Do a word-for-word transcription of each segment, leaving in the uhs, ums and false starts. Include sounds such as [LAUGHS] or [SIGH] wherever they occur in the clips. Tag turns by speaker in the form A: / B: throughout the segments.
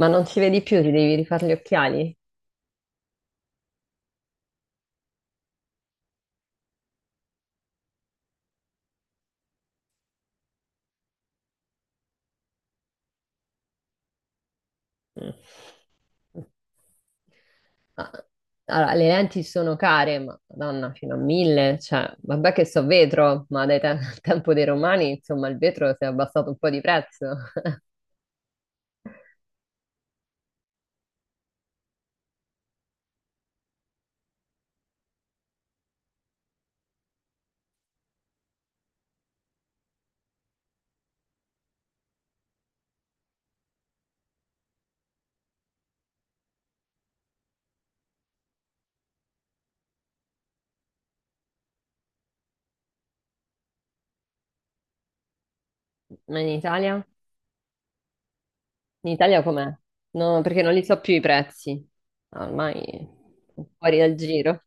A: Ma non ci vedi più, ti devi rifare gli occhiali? Mm. Ah. Allora, le lenti sono care, ma madonna, fino a mille, cioè, vabbè che so vetro, ma dai te- [LAUGHS] al tempo dei romani, insomma, il vetro si è abbassato un po' di prezzo. Ma in Italia? In Italia com'è? No, perché non li so più i prezzi. Ormai sono fuori dal giro.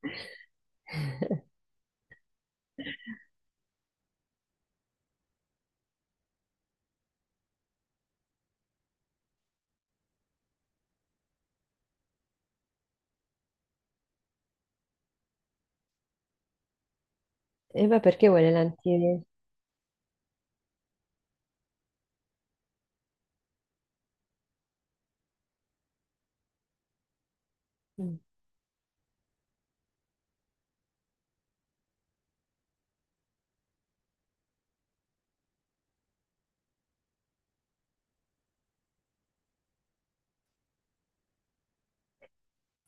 A: [LAUGHS] E beh, perché vuoi le lenti? Io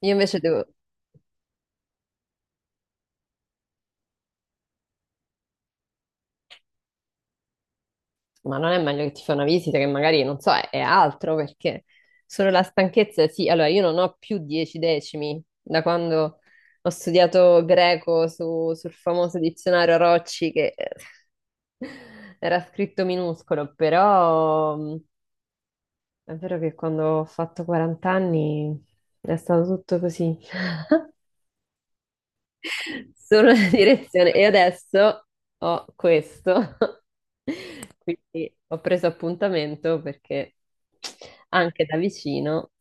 A: invece devo. Ma non è meglio che ti fa una visita che magari, non so, è, è altro perché solo la stanchezza, sì, allora io non ho più dieci decimi da quando ho studiato greco su- sul famoso dizionario Rocci che [LAUGHS] era scritto minuscolo, però mh, è vero che quando ho fatto quaranta anni è stato tutto così. Solo la direzione. E adesso ho questo. [LAUGHS] Quindi ho preso appuntamento perché anche da vicino,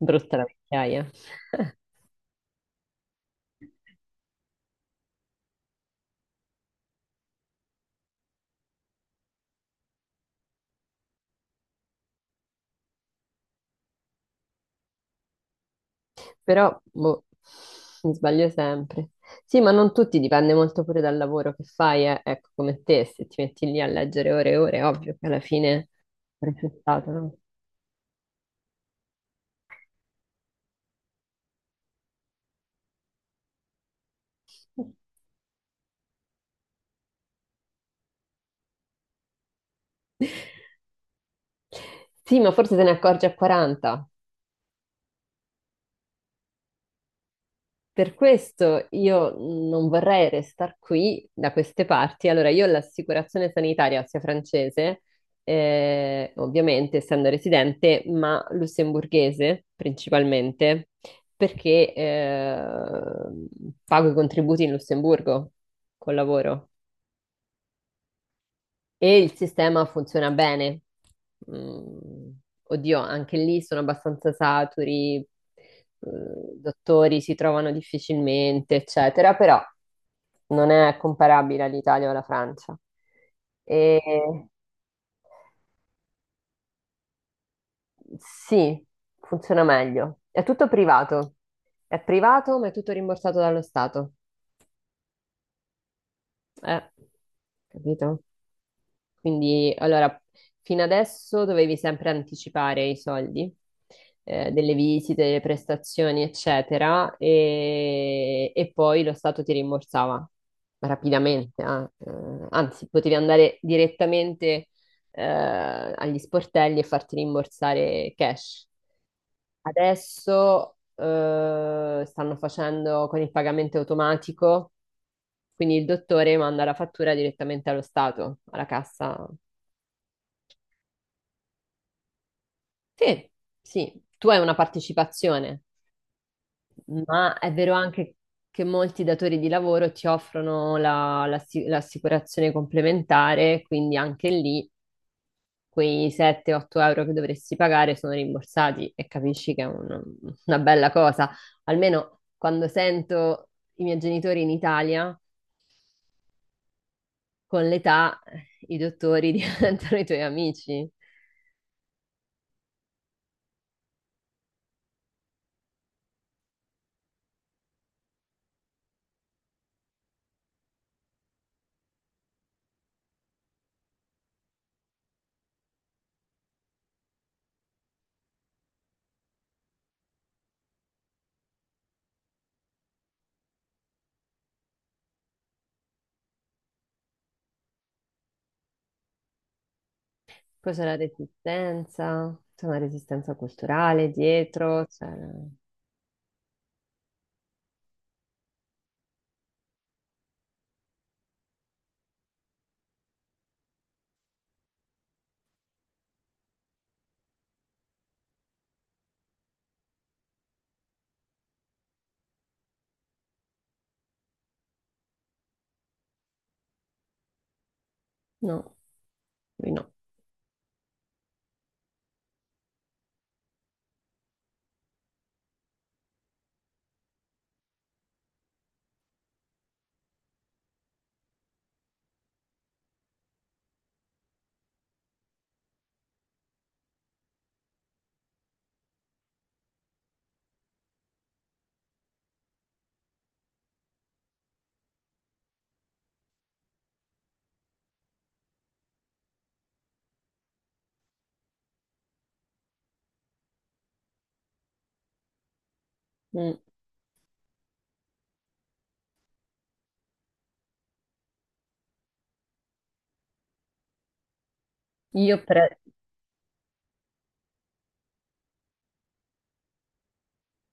A: brutta la vecchiaia. [LAUGHS] Però, boh, mi sbaglio sempre. Sì, ma non tutti, dipende molto pure dal lavoro che fai, eh. Ecco, come te, se ti metti lì a leggere ore e ore, è ovvio che alla fine è risultato, no? Sì, ma forse te ne accorgi a quaranta. Per questo io non vorrei restare qui da queste parti. Allora, io ho l'assicurazione sanitaria sia francese, eh, ovviamente essendo residente, ma lussemburghese principalmente, perché eh, pago i contributi in Lussemburgo col lavoro. E il sistema funziona bene. Mm, oddio, anche lì sono abbastanza saturi, eh, dottori si trovano difficilmente, eccetera, però non è comparabile all'Italia o alla Francia. E sì, funziona meglio. È tutto privato. È privato, ma è tutto rimborsato dallo Stato. Eh, capito? Quindi, allora, fino adesso dovevi sempre anticipare i soldi, eh, delle visite, delle prestazioni, eccetera, e, e poi lo Stato ti rimborsava rapidamente, ah, eh, anzi, potevi andare direttamente eh, agli sportelli e farti rimborsare cash. Adesso eh, stanno facendo con il pagamento automatico, quindi il dottore manda la fattura direttamente allo Stato, alla cassa. Sì, sì, tu hai una partecipazione, ma è vero anche che molti datori di lavoro ti offrono la- la- l'assicurazione complementare, quindi anche lì quei sette-otto euro che dovresti pagare sono rimborsati e capisci che è un- una bella cosa. Almeno quando sento i miei genitori in Italia, con l'età i dottori [LAUGHS] diventano i tuoi amici. Poi c'è la resistenza, c'è una resistenza culturale dietro, c'è. No, lui no. Mm. Io per.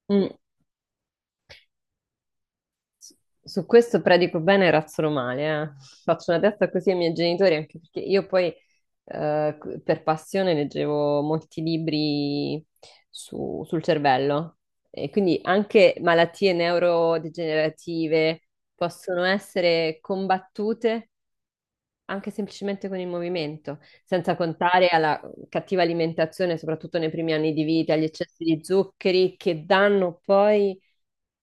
A: Mm. Su questo predico bene e razzolo male, eh. Faccio una testa così ai miei genitori, anche perché io poi eh, c- per passione leggevo molti libri su- sul cervello e quindi anche malattie neurodegenerative possono essere combattute anche semplicemente con il movimento, senza contare alla cattiva alimentazione, soprattutto nei primi anni di vita, agli eccessi di zuccheri che danno poi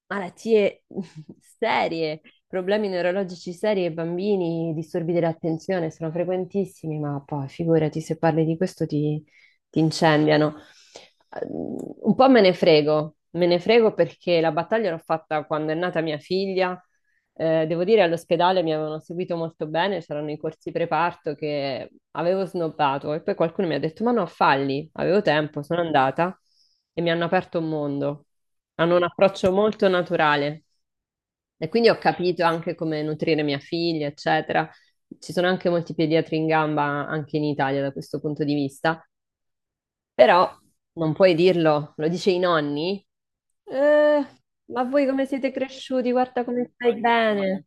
A: malattie [LAUGHS] serie, problemi neurologici seri ai bambini, disturbi dell'attenzione sono frequentissimi, ma poi figurati se parli di questo ti, ti, incendiano. Eh, Un po' me ne frego, me ne frego perché la battaglia l'ho fatta quando è nata mia figlia eh, devo dire, all'ospedale mi avevano seguito molto bene, c'erano i corsi preparto che avevo snobbato e poi qualcuno mi ha detto: "Ma no, falli", avevo tempo, sono andata e mi hanno aperto un mondo. Hanno un approccio molto naturale. E quindi ho capito anche come nutrire mia figlia, eccetera. Ci sono anche molti pediatri in gamba anche in Italia da questo punto di vista, però non puoi dirlo, lo dice i nonni. Eh, ma voi come siete cresciuti? Guarda come stai bene.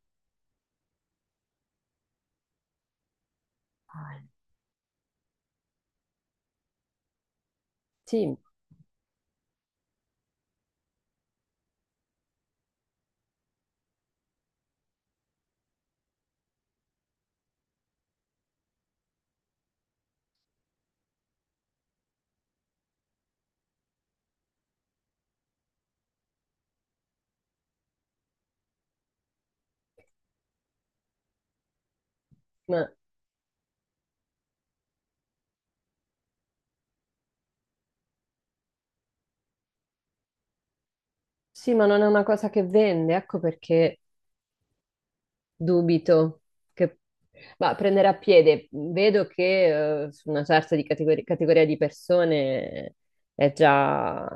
A: Sì, ma, sì, ma non è una cosa che vende, ecco perché dubito che. Ma prendere a piede, vedo che eh, su una certa di categori- categoria di persone è già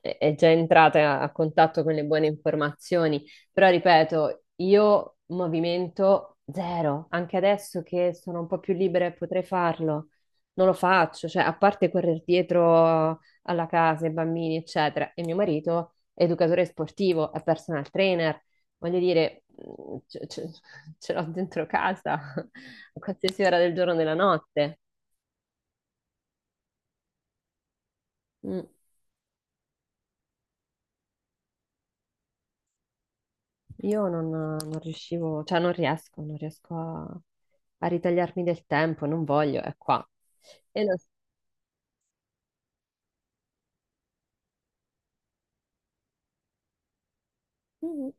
A: è è già entrata a contatto con le buone informazioni, però ripeto, io movimento zero, anche adesso che sono un po' più libera e potrei farlo, non lo faccio, cioè a parte correre dietro alla casa, ai bambini, eccetera, e mio marito è educatore sportivo, è personal trainer, voglio dire, mm, ce, ce- ce l'ho dentro casa [LAUGHS] a qualsiasi ora del giorno e della notte. Mm. Io non, non riuscivo, cioè non riesco, non riesco a, a ritagliarmi del tempo, non voglio, è qua. E lo- Mhm.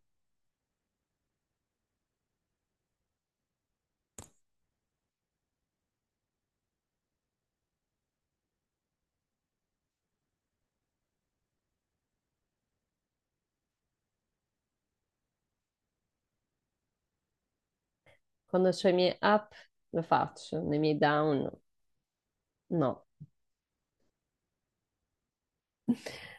A: Quando ho i miei up lo faccio, nei miei down no. [LAUGHS]